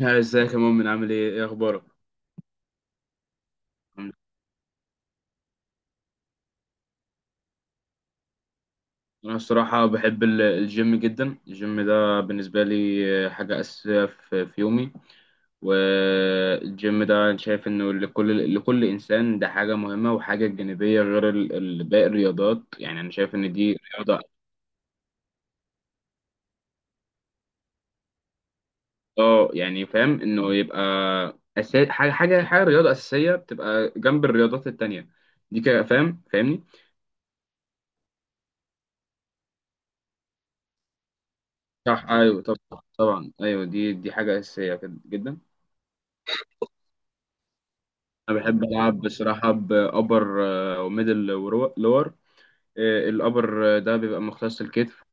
ها، ازيك يا مؤمن عامل ايه؟ ايه اخبارك؟ الحمد لله. انا الصراحه بحب الجيم جدا. الجيم ده بالنسبه لي حاجه اساسيه في يومي. والجيم ده انا شايف انه لكل انسان ده حاجه مهمه وحاجه جانبيه غير باقي الرياضات. يعني انا شايف ان دي رياضه. اه يعني فاهم انه يبقى أساسي. حاجه حاجه حاجه رياضه اساسيه بتبقى جنب الرياضات التانيه دي كده. فاهمني؟ صح، ايوه، طب، طبعا، ايوه، دي حاجه اساسيه كده جدا. انا بحب العب بصراحه بابر وميدل ولور. الابر ده بيبقى مختص الكتف،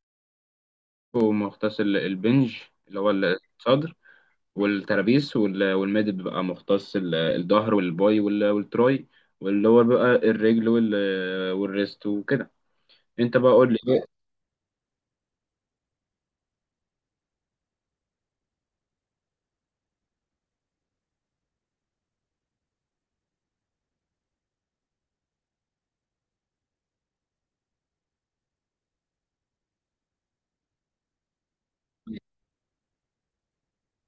ومختص البنج اللي هو الصدر والترابيس، والميدل بيبقى مختص الظهر والباي والتراي، واللور بقى الرجل والريست وكده. انت بقى قول لي إيه؟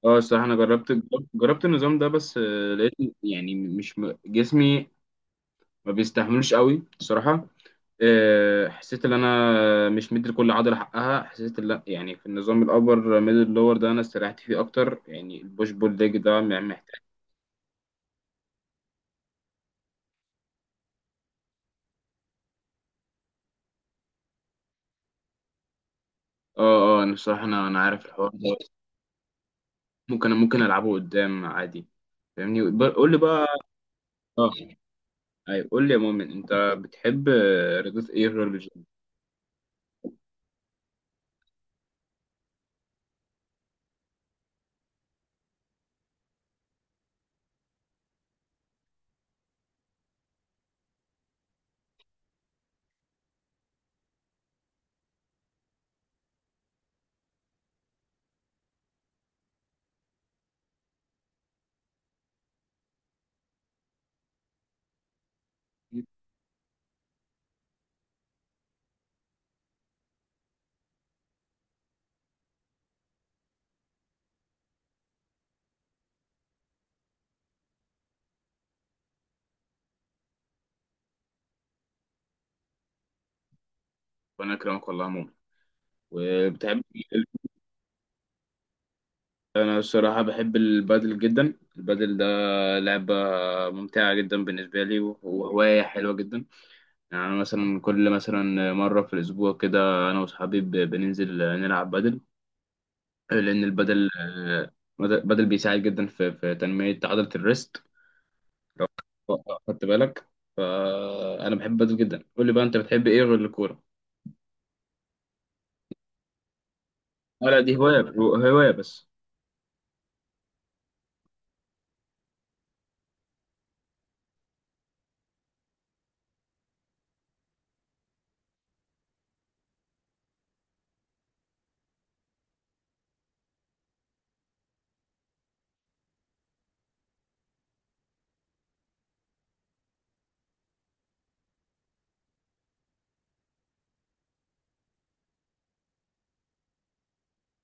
اه، الصراحه انا جربت النظام ده، بس لقيت يعني مش جسمي ما بيستحملوش قوي بصراحه. حسيت ان انا مش مدي لكل عضله حقها، حسيت لا، يعني في النظام الابر ميدل لور ده انا استريحت فيه اكتر، يعني البوش بول ليج ده محتاج. اه، انا الصراحه انا عارف الحوار ده، ممكن العبه قدام عادي، فاهمني؟ قول لي بقى. اه، ايوه، قول لي يا مؤمن، انت بتحب رياضات ايه غير الجيم؟ وانا اكرمك والله يا مؤمن. وبتحب إيه؟ انا الصراحه بحب البادل جدا. البادل ده لعبه ممتعه جدا بالنسبه لي، وهوايه حلوه جدا. يعني أنا مثلا كل مثلا مرة في الأسبوع كده أنا وأصحابي بننزل نلعب بدل، لأن البدل، بدل بيساعد جدا في تنمية عضلة الريست، خدت بالك؟ فأنا بحب بدل جدا. قول لي بقى، أنت بتحب إيه غير الكورة؟ لا، دي هواية بس.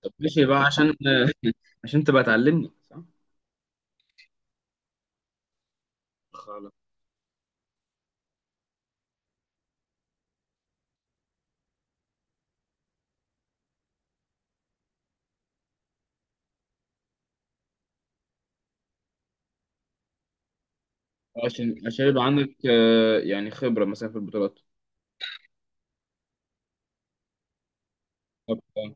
طب ماشي بقى عشان تبقى تعلمني، صح؟ خلاص. عشان يبقى عندك يعني خبرة مثلا في البطولات. طب،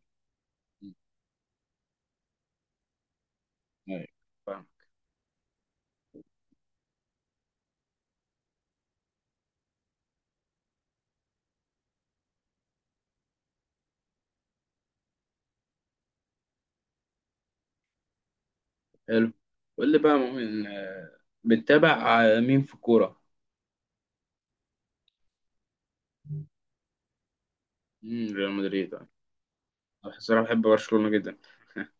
أيوة، فاهم. حلو. قول لي بقى مؤمن، بتتابع مين في الكورة؟ مم، ريال مدريد، آه. أنا الصراحة بحب برشلونة جدا.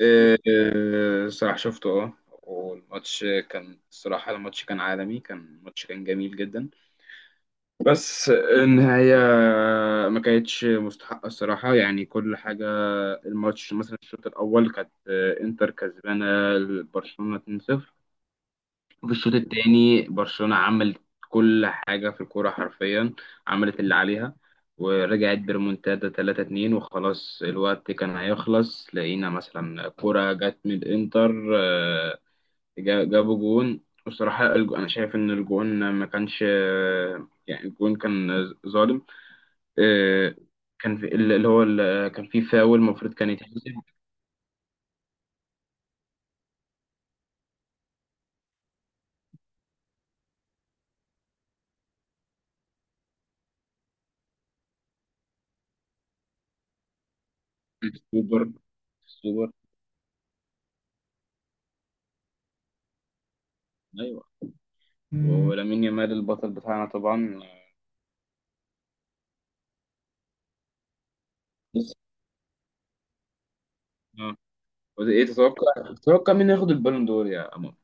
الصراحة شفته، اه، والماتش كان الصراحة، الماتش كان عالمي، كان الماتش كان جميل جدا، بس النهاية ما كانتش مستحقة الصراحة، يعني كل حاجة. الماتش مثلا الشوط الأول كانت إنتر كسبانة برشلونة 2-0. في الشوط التاني برشلونة عملت كل حاجة في الكورة حرفيا، عملت اللي عليها، ورجعت بريمونتادا 3-2، وخلاص الوقت كان هيخلص، لقينا مثلا كورة جت من الإنتر، آه، جابوا جون. بصراحة أنا شايف إن الجون ما كانش، يعني الجون كان ظالم. آه، كان في اللي هو، كان في فاول المفروض كان يتحسب. سوبر سوبر، أيوه، مم. ولامين يامال البطل بتاعنا طبعا. ايه تتوقع، مين ياخد البالون دور يا امام؟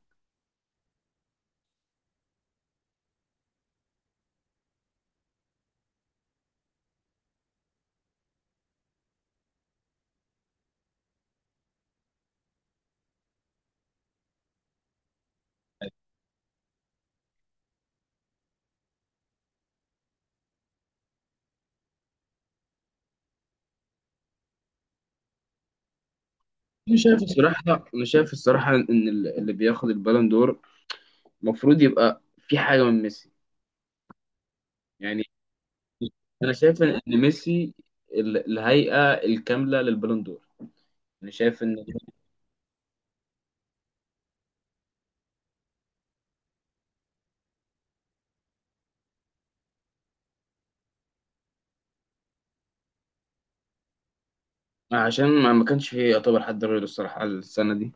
انا شايف الصراحه انا شايف الصراحه ان اللي بياخد البالون دور المفروض يبقى في حاجه من ميسي. يعني انا شايف إن ميسي الهيئه الكامله للبالون دور. انا شايف ان عشان ما كانش فيه يعتبر حد غيره الصراحه السنه دي.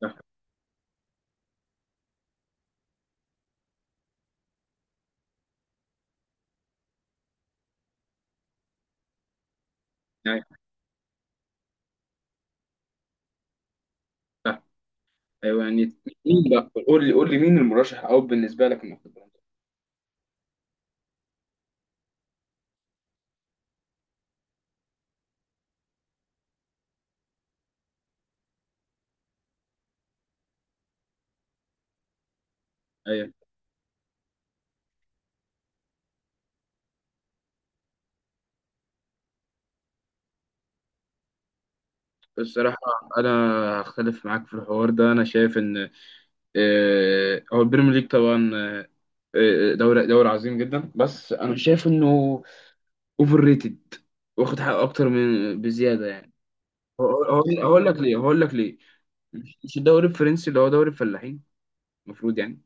صح يعني، صح، ايوه يعني. مين بقى، قول لي مين المرشح او بالنسبه لك انه ياخد البالون دور؟ ايوه الصراحه انا هختلف معاك في الحوار ده. انا شايف ان هو البريمير ليج طبعا، دوري عظيم جدا، بس انا شايف انه اوفر ريتد، واخد حقه اكتر من بزياده يعني. هقول لك ليه، مش الدوري الفرنسي اللي هو دوري الفلاحين المفروض يعني؟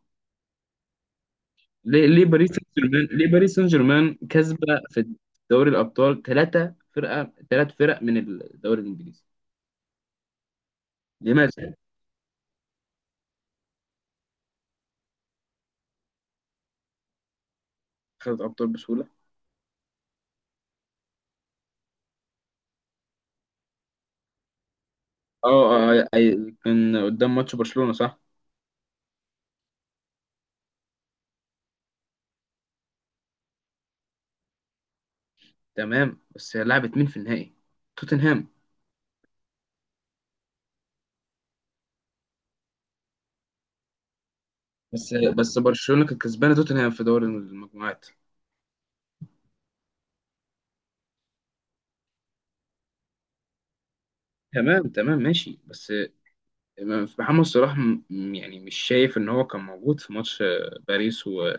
ليه باريس سان جيرمان كسبه في دوري الابطال؟ ثلاث فرق من الدوري الانجليزي، لماذا؟ خدت ابطال بسهوله، اه. كان قدام ماتش برشلونه، صح. تمام، بس لعبت مين في النهائي؟ توتنهام. بس برشلونة كانت كسبانة توتنهام في دوري المجموعات. تمام تمام، ماشي، بس محمد صلاح، يعني مش شايف ان هو كان موجود في ماتش، باريس، ومش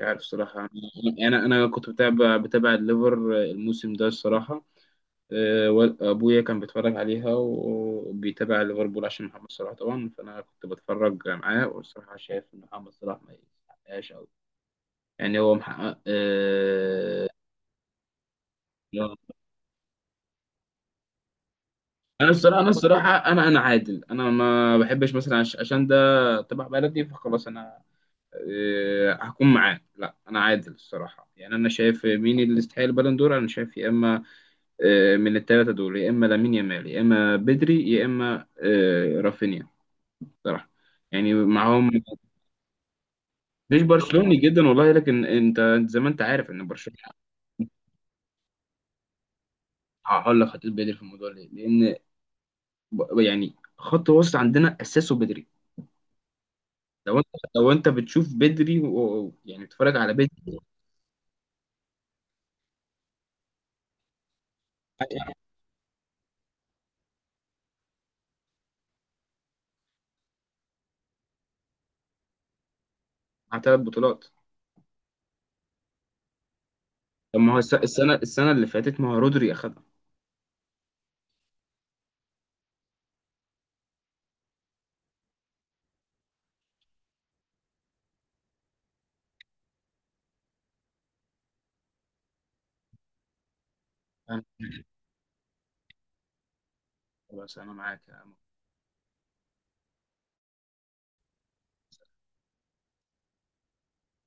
عارف صراحة. انا انا أنا كنت بتابع الليفر الموسم ده الصراحة، وابويا كان بيتفرج عليها وبيتابع ليفربول عشان محمد صلاح طبعا، فانا كنت بتفرج معاه، والصراحة شايف ان محمد صلاح ما يستحقهاش قوي، يعني هو محقق. انا الصراحه، انا عادل، انا ما بحبش مثلا عشان ده تبع بلدي فخلاص انا هكون معاه، لا، انا عادل الصراحه. يعني انا شايف مين اللي يستحق البالون دور، انا شايف يا اما من الثلاثه دول، يا اما لامين يامال، يا اما بدري، يا اما رافينيا، صراحه يعني، معاهم. مش برشلوني جدا والله، لكن انت زي ما انت عارف ان برشلونه. هقول لك هتقول بدري في الموضوع ليه؟ لان يعني خط وسط عندنا اساسه بدري. لو انت، بتشوف بدري يعني بتتفرج على بدري، مع ثلاث بطولات. طب ما هو السنه اللي فاتت ما هو رودري اخدها. أنا- خلاص، انا معاك.